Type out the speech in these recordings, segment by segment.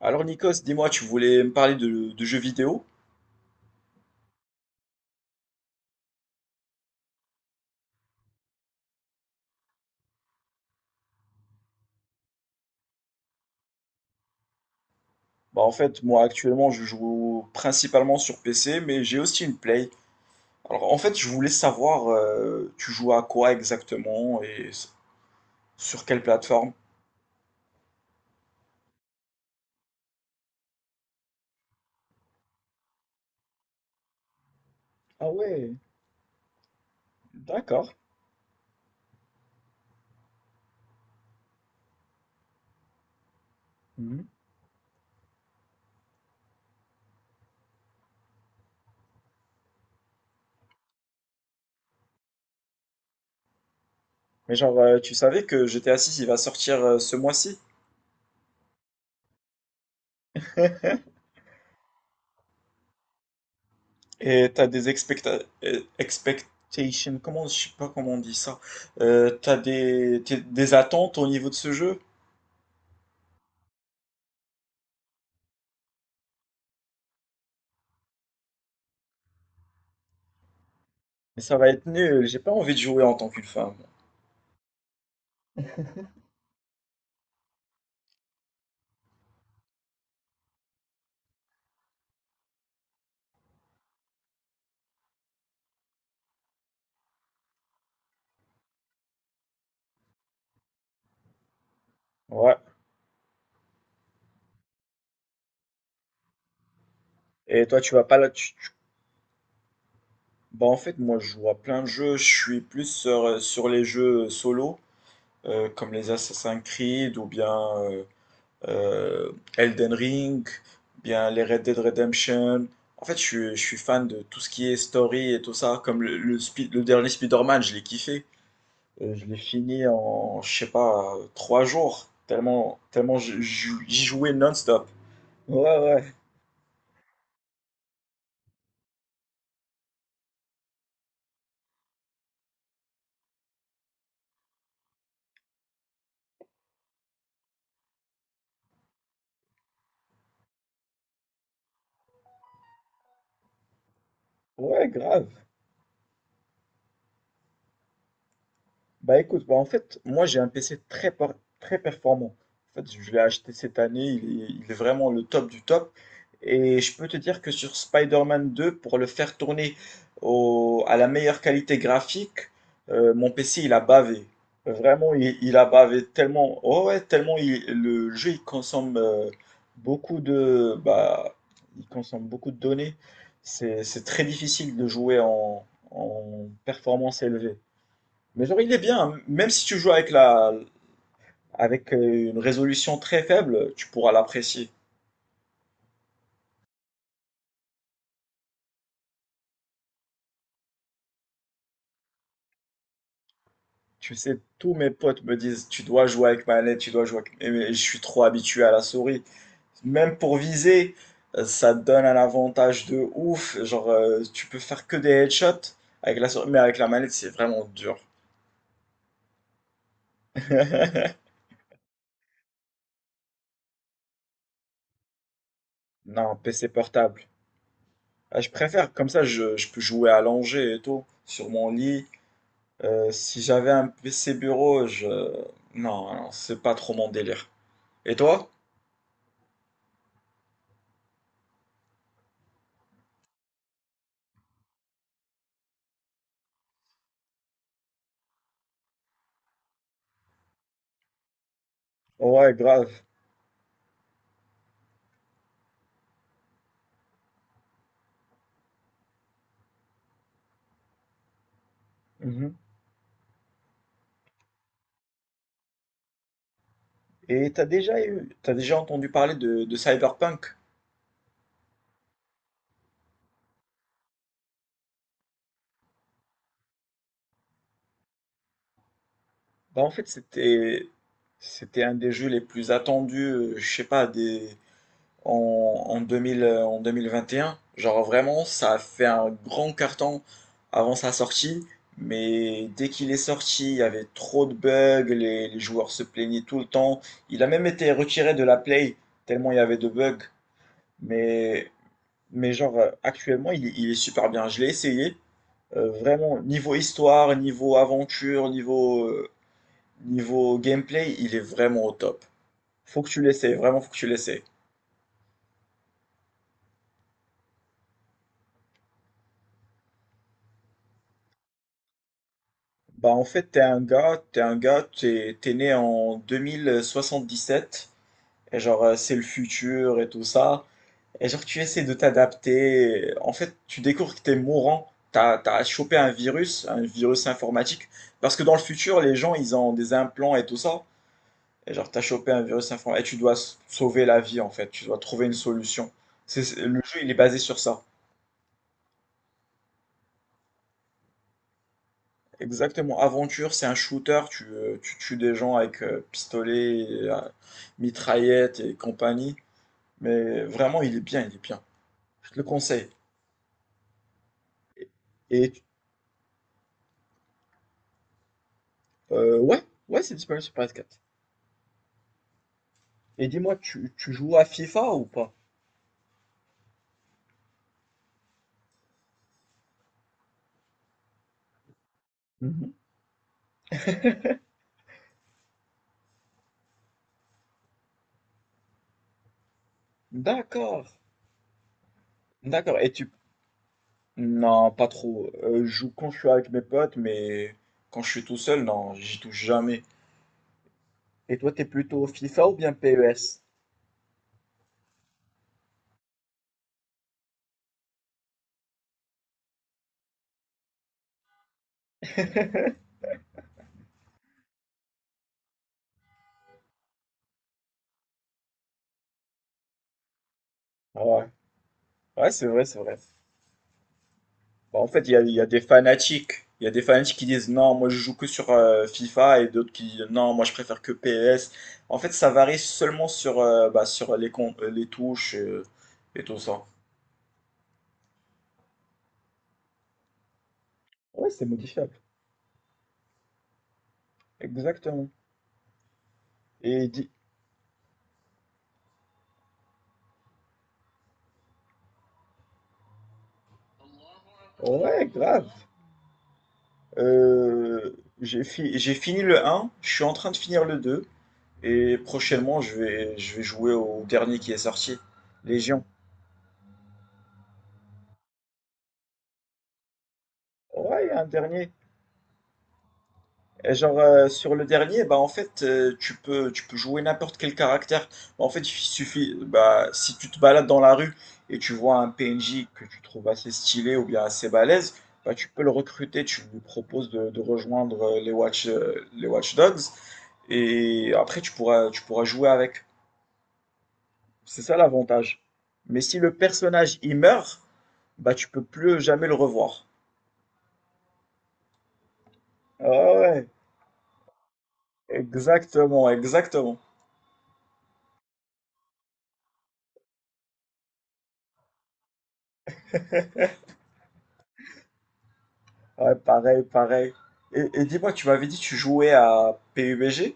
Alors Nikos, dis-moi, tu voulais me parler de jeux vidéo? Bah en fait, moi actuellement, je joue principalement sur PC, mais j'ai aussi une Play. Alors en fait, je voulais savoir, tu joues à quoi exactement et sur quelle plateforme? Ah ouais, d'accord. Mhm. Mais genre, tu savais que GTA 6 il va sortir ce mois-ci? Et t'as des expectations, comment, je sais pas comment on dit ça. T'as des, des attentes au niveau de ce jeu? Mais ça va être nul, j'ai pas envie de jouer en tant qu'une femme. Ouais. Et toi, tu vas pas là. Bah, en fait, moi, je joue à plein de jeux. Je suis plus sur, sur les jeux solo, comme les Assassin's Creed ou bien euh, euh, Elden Ring, bien les Red Dead Redemption. En fait, je suis fan de tout ce qui est story et tout ça. Comme le dernier Spider-Man, je l'ai kiffé. Je l'ai fini en, je sais pas, 3 jours. Tellement, tellement j'y jouais non-stop. Ouais, ouais, ouais, grave. Bah écoute, bah en fait, moi j'ai un PC très performant. En fait, je l'ai acheté cette année, il est vraiment le top du top. Et je peux te dire que sur Spider-Man 2, pour le faire tourner à la meilleure qualité graphique, mon PC il a bavé. Vraiment, il a bavé tellement, oh ouais, tellement le jeu il consomme beaucoup de, il consomme beaucoup de données. C'est très difficile de jouer en performance élevée. Mais genre, il est bien. Même si tu joues avec une résolution très faible, tu pourras l'apprécier. Tu sais, tous mes potes me disent, tu dois jouer avec manette, tu dois jouer avec... Et mais je suis trop habitué à la souris. Même pour viser, ça te donne un avantage de ouf. Genre, tu peux faire que des headshots avec la souris, mais avec la manette, c'est vraiment dur. Non, PC portable. Ah, je préfère, comme ça, je peux jouer allongé et tout, sur mon lit. Si j'avais un PC bureau, je... Non, non, c'est pas trop mon délire. Et toi? Ouais, grave. Mhm. Et t'as déjà entendu parler de Cyberpunk? Bah en fait c'était un des jeux les plus attendus, je sais pas, en 2000, en 2021. Genre vraiment, ça a fait un grand carton avant sa sortie, mais dès qu'il est sorti, il y avait trop de bugs, les joueurs se plaignaient tout le temps. Il a même été retiré de la Play, tellement il y avait de bugs. Mais, mais genre, actuellement, il est super bien. Je l'ai essayé. Vraiment, niveau histoire, niveau aventure, niveau gameplay, il est vraiment au top. Faut que tu l'essayes, vraiment, faut que tu l'essayes. Bah en fait, t'es un gars, t'es né en 2077, et genre c'est le futur et tout ça, et genre tu essaies de t'adapter, en fait tu découvres que t'es mourant, t'as chopé un virus informatique, parce que dans le futur les gens ils ont des implants et tout ça, et genre t'as chopé un virus informatique, et tu dois sauver la vie en fait, tu dois trouver une solution. Le jeu il est basé sur ça. Exactement. Aventure, c'est un shooter, tu tues des gens avec pistolet, et mitraillette et compagnie. Mais vraiment, il est bien, il est bien. Je te le conseille. Et, ouais, ouais, c'est disponible sur PS4. Et dis-moi, tu joues à FIFA ou pas? Mhm. D'accord, d'accord. Et tu... Non, pas trop. Je joue quand je suis avec mes potes, mais quand je suis tout seul, non, j'y touche jamais. Et toi, t'es plutôt FIFA ou bien PES? Ah ouais, ouais, c'est vrai, c'est vrai. Bah, en fait, il y a des fanatiques. Il y a des fanatiques qui disent non, moi je joue que sur FIFA et d'autres qui disent non, moi je préfère que PES. En fait, ça varie seulement sur les touches et tout ça. Ouais, c'est modifiable. Exactement. Et dit... Ouais, grave. Euh, J'ai fini le un, je suis en train de finir le deux, et prochainement je vais jouer au dernier qui est sorti, Légion. Ouais, il y a un dernier. Et genre sur le dernier, bah en fait tu peux jouer n'importe quel caractère. En fait, il suffit, bah si tu te balades dans la rue et tu vois un PNJ que tu trouves assez stylé ou bien assez balèze, bah tu peux le recruter, tu lui proposes de rejoindre les Watch Dogs, et après tu pourras jouer avec. C'est ça l'avantage. Mais si le personnage il meurt, bah tu peux plus jamais le revoir. Ah ouais, exactement, exactement. Ouais, pareil, pareil. Et dis-moi, tu m'avais dit que tu jouais à PUBG?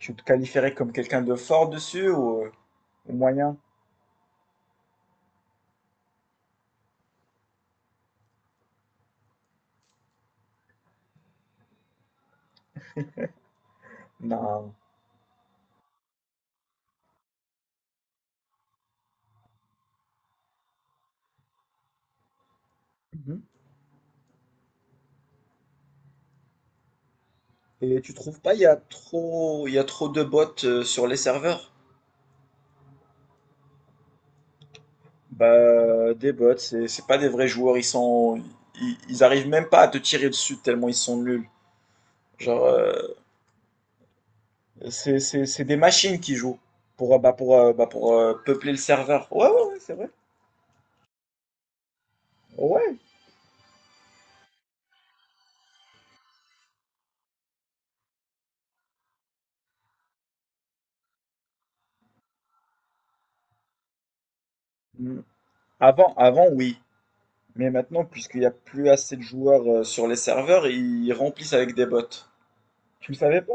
Tu te qualifierais comme quelqu'un de fort dessus ou moyen? Non. Mhm. Et tu trouves pas il y a trop de bots sur les serveurs? Bah des bots, c'est pas des vrais joueurs, ils arrivent même pas à te tirer dessus tellement ils sont nuls. Genre c'est des machines qui jouent pour peupler le serveur. Ouais ouais ouais, c'est vrai. Ouais. Mm. Avant, avant, oui. Mais maintenant, puisqu'il n'y a plus assez de joueurs sur les serveurs, ils remplissent avec des bots. Tu le savais pas?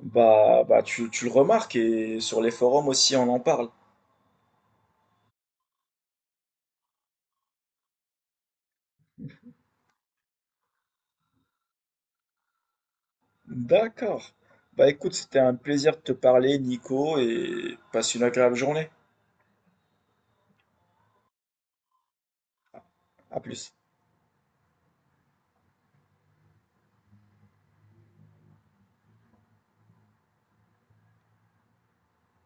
Bah tu le remarques, et sur les forums aussi on en parle. D'accord. Bah écoute, c'était un plaisir de te parler, Nico, et passe une agréable journée. À plus.